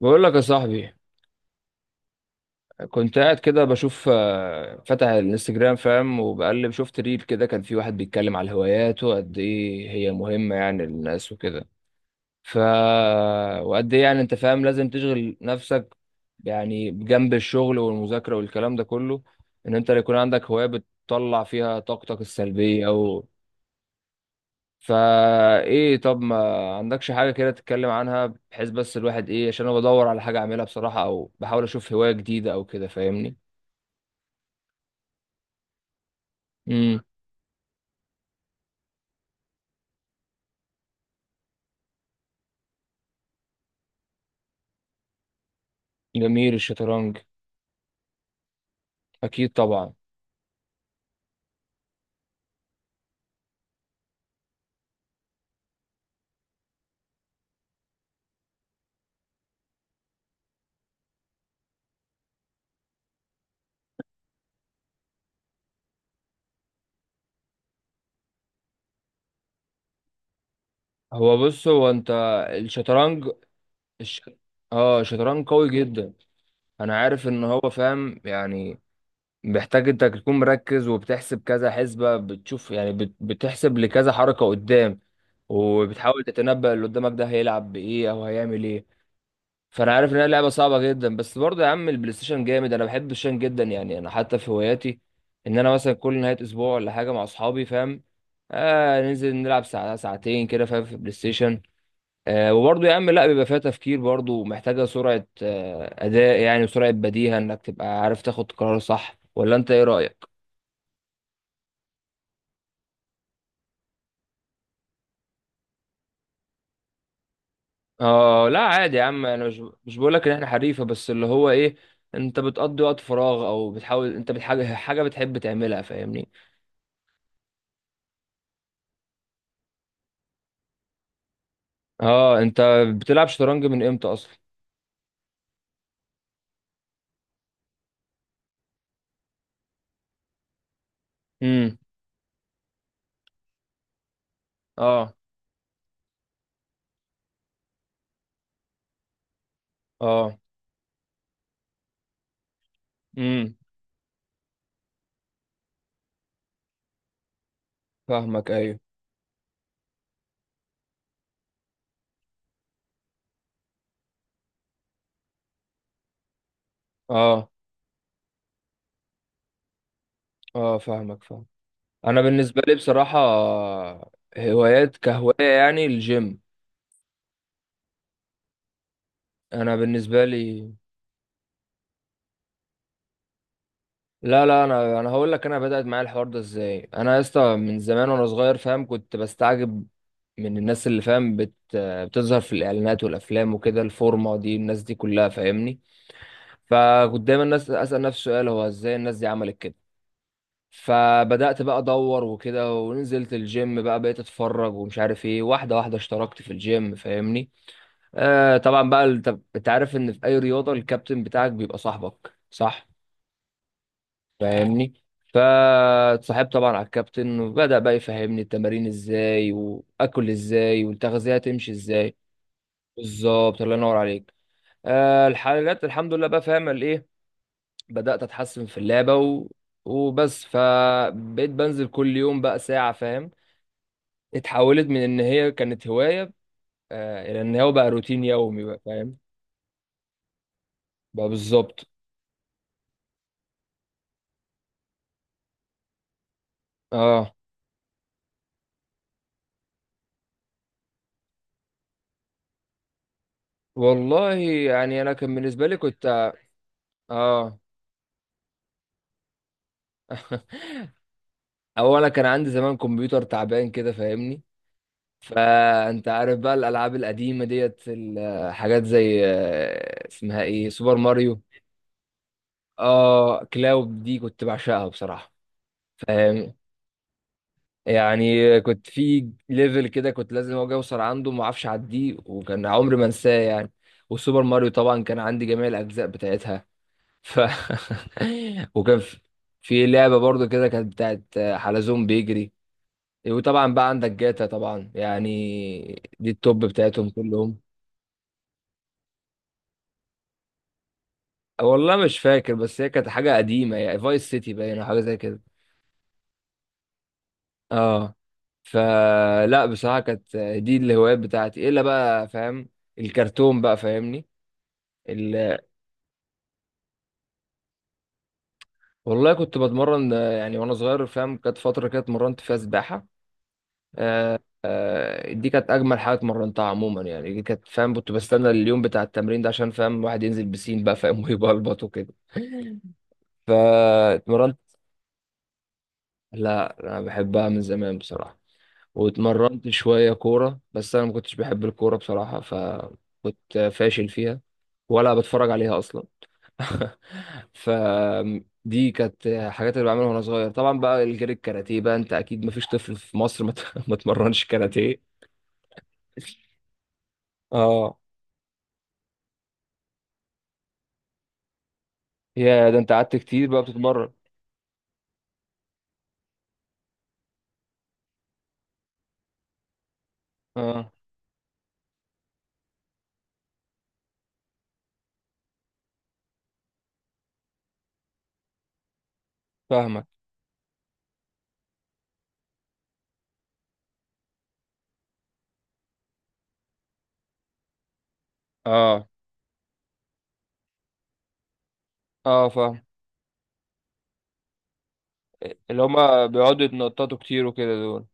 بقول لك يا صاحبي، كنت قاعد كده بشوف، فتح الانستجرام فاهم، وبقلب شفت ريل كده. كان في واحد بيتكلم على الهوايات وقد ايه هي مهمة يعني للناس وكده. ف وقد ايه يعني انت فاهم لازم تشغل نفسك، يعني بجنب الشغل والمذاكرة والكلام ده كله، ان انت يكون عندك هواية بتطلع فيها طاقتك السلبية او. فا ايه طب ما عندكش حاجة كده تتكلم عنها، بحيث بس الواحد ايه، عشان انا بدور على حاجة اعملها بصراحة، او بحاول اشوف هواية جديدة او كده فاهمني. امم جميل الشطرنج. اكيد طبعا. هو بص هو انت الشطرنج. الش... اه الشطرنج قوي جدا. انا عارف ان هو فاهم يعني محتاج انت تكون مركز، وبتحسب كذا حسبة، بتشوف يعني، بتحسب لكذا حركة قدام، وبتحاول تتنبأ اللي قدامك ده هيلعب بايه او هيعمل ايه. فانا عارف ان هي لعبه صعبه جدا، بس برضه يا عم البلاي ستيشن جامد. انا بحب الشن جدا، يعني انا حتى في هواياتي ان انا مثلا كل نهايه اسبوع ولا حاجه مع اصحابي فاهم، آه ننزل نلعب ساعه ساعتين كده فاهم في البلاي ستيشن. آه وبرضه يا عم لا، بيبقى فيها تفكير برضه، ومحتاجه سرعه آه اداء يعني، وسرعه بديهه انك تبقى عارف تاخد قرار صح، ولا انت ايه رايك؟ اه لا عادي يا عم، انا مش بقول لك ان احنا حريفه، بس اللي هو ايه، انت بتقضي وقت فراغ، او بتحاول انت بتحاجه حاجه بتحب تعملها فاهمني. اه انت بتلعب شطرنج من امتى اصلا؟ امم اه اه. امم. فاهمك ايوه. اه اه. فاهمك فاهم. انا بالنسبه لي بصراحه، هوايات كهوايه يعني الجيم. انا بالنسبه لي، لا لا، انا هقول لك انا بدات معايا الحوار ده ازاي. انا يا اسطى من زمان وانا صغير فاهم، كنت بستعجب من الناس اللي فاهم بتظهر في الاعلانات والافلام وكده، الفورمه دي الناس دي كلها فاهمني. فكنت دايما الناس اسال نفسي سؤال، هو ازاي الناس دي عملت كده؟ فبدأت بقى ادور وكده، ونزلت الجيم بقى، بقيت اتفرج ومش عارف ايه، واحده واحده اشتركت في الجيم فاهمني. آه طبعا بقى طب انت عارف ان في اي رياضه الكابتن بتاعك بيبقى صاحبك صح؟ فاهمني. فاتصاحبت طبعا على الكابتن، وبدأ بقى يفهمني التمارين ازاي، واكل ازاي، والتغذيه تمشي ازاي. بالظبط الله ينور عليك. آه الحلقات الحمد لله بقى فاهم الايه، بدأت اتحسن في اللعبه وبس، فبقيت بنزل كل يوم بقى ساعه فاهم. اتحولت من ان هي كانت هوايه، آه الى ان هو بقى روتين يومي بقى فاهم. بقى بالظبط. اه والله يعني انا كان بالنسبه لي كنت، اه اولا كان عندي زمان كمبيوتر تعبان كده فاهمني. فانت عارف بقى الالعاب القديمه ديت، الحاجات زي آه اسمها ايه، سوبر ماريو. اه كلاود دي كنت بعشقها بصراحه. فاهم، يعني كنت في ليفل كده كنت لازم اجي اوصل عنده، ما اعرفش اعديه، وكان عمري ما انساه يعني. وسوبر ماريو طبعا كان عندي جميع الاجزاء بتاعتها. ف وكان في في لعبه برضو كده كانت بتاعت حلزون بيجري. وطبعا بقى عندك جاتا طبعا، يعني دي التوب بتاعتهم كلهم. والله مش فاكر، بس هي كانت حاجه قديمه، يعني فايس سيتي باين أو حاجه زي كده. اه. فلا بصراحه كانت دي الهوايات بتاعتي، الا بقى فاهم الكرتون بقى فاهمني. ال... والله كنت بتمرن، يعني وانا صغير فاهم كانت فتره كده اتمرنت فيها سباحه. آه، دي كانت اجمل حاجه اتمرنتها عموما يعني، دي كانت فاهم كنت بستنى اليوم بتاع التمرين ده، عشان فاهم الواحد ينزل بسين بقى فاهم، ويبلبط وكده. فاتمرنت. لا انا بحبها من زمان بصراحه. واتمرنت شويه كوره، بس انا ما كنتش بحب الكوره بصراحه، فكنت فاشل فيها، ولا بتفرج عليها اصلا. فدي كانت حاجات اللي بعملها وانا صغير. طبعا بقى الجري، الكاراتيه بقى، انت اكيد ما فيش طفل في مصر ما ما اتمرنش كاراتيه. اه يا ده انت قعدت كتير بقى بتتمرن. اه فاهمك. اه اه فاهم. اللي هما بيقعدوا يتنططوا كتير وكده دول.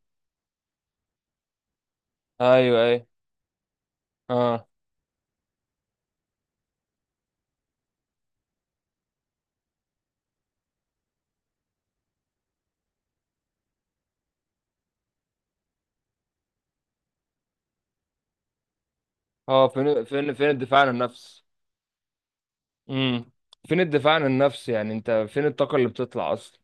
ايوه ايوه. اه اه. فين فين فين الدفاع عن النفس؟ امم. فين الدفاع عن النفس، يعني انت فين الطاقة اللي بتطلع اصلا؟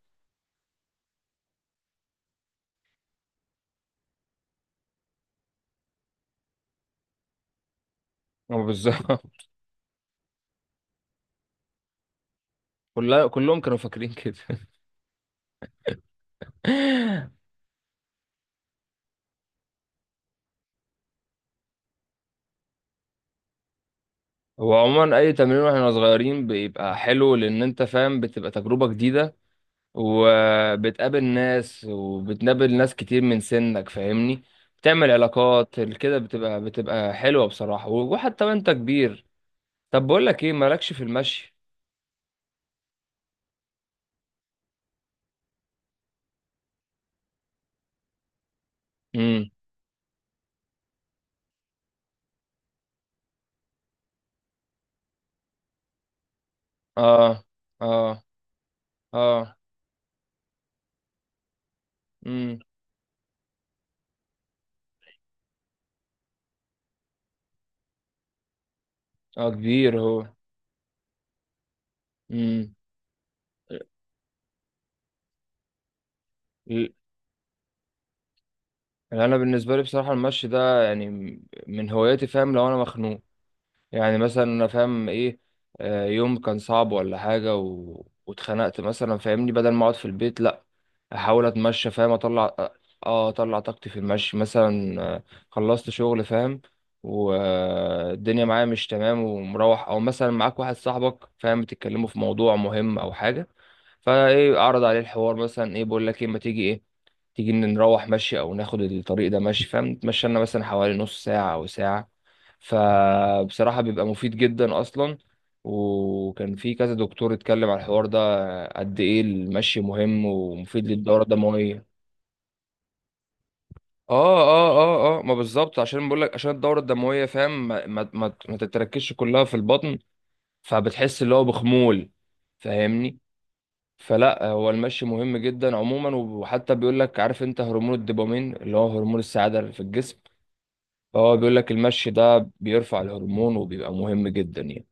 اه بالظبط. كلها كلهم كانوا فاكرين كده. هو عموما اي تمرين واحنا صغيرين بيبقى حلو، لان انت فاهم بتبقى تجربة جديدة، وبتقابل ناس، وبتقابل ناس كتير من سنك فاهمني. بتعمل علاقات كده، بتبقى بتبقى حلوة بصراحة، وحتى وانت كبير. طب بقول لك ايه، مالكش في المشي؟ امم. اه اه اه. امم. اه كبير هو. امم. ال- انا بالنسبه لي بصراحه المشي ده يعني من هواياتي فاهم. لو انا مخنوق، يعني مثلا انا فاهم ايه، يوم كان صعب ولا حاجه واتخنقت مثلا فاهمني، بدل ما اقعد في البيت لا، احاول اتمشى فاهم، اطلع اه، اطلع طاقتي في المشي مثلا. خلصت شغل فاهم، والدنيا معايا مش تمام، ومروح، او مثلا معاك واحد صاحبك فاهم بتتكلموا في موضوع مهم او حاجه، فايه اعرض عليه الحوار مثلا، ايه بقول لك ايه، ما تيجي ايه، تيجي إن نروح مشي، او ناخد الطريق ده مشي فاهم، نتمشى لنا مثلا حوالي نص ساعة او ساعة. فبصراحة بيبقى مفيد جدا اصلا. وكان في كذا دكتور اتكلم على الحوار ده، قد ايه المشي مهم ومفيد للدورة الدموية. اه اه اه اه، ما بالظبط، عشان بقول لك عشان الدورة الدموية فاهم، ما تتركزش كلها في البطن، فبتحس اللي هو بخمول فاهمني. فلا هو المشي مهم جدا عموما، وحتى بيقول لك، عارف انت هرمون الدوبامين اللي هو هرمون السعادة اللي في الجسم؟ اه بيقول لك المشي ده بيرفع الهرمون، وبيبقى مهم جدا يعني.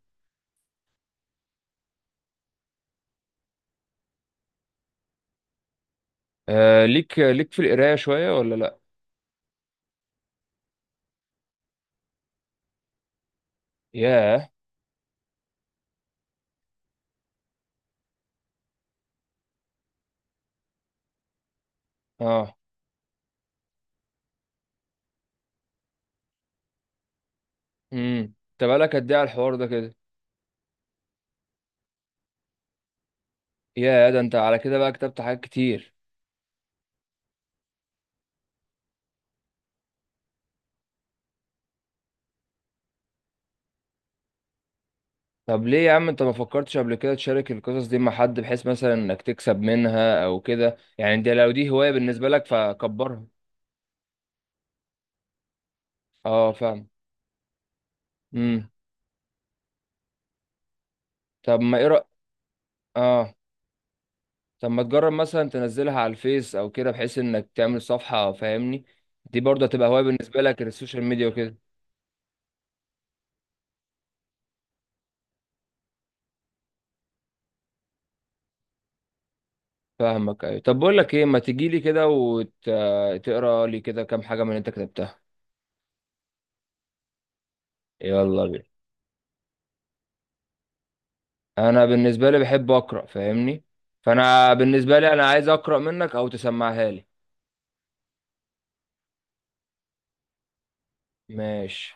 آه ليك في القرايه شويه ولا لا؟ ياه. اه. امم. انت بقالك قد ايه على الحوار ده كده؟ ياه، ده انت على كده بقى كتبت حاجات كتير. طب ليه يا عم انت ما فكرتش قبل كده تشارك القصص دي مع حد، بحيث مثلا انك تكسب منها او كده؟ يعني دي لو دي هوايه بالنسبه لك فكبرها. اه فاهم. امم. طب ما ايه اه طب ما تجرب مثلا تنزلها على الفيس او كده، بحيث انك تعمل صفحة فاهمني. دي برضه هتبقى هواية بالنسبة لك، السوشيال ميديا وكده. فاهمك ايوه. طب بقول لك ايه، ما تيجي لي كده وتقرا لي كده كام حاجة من اللي انت كتبتها؟ يلا بينا. انا بالنسبة لي بحب اقرا فاهمني. فانا بالنسبة لي انا عايز اقرا منك او تسمعها لي. ماشي.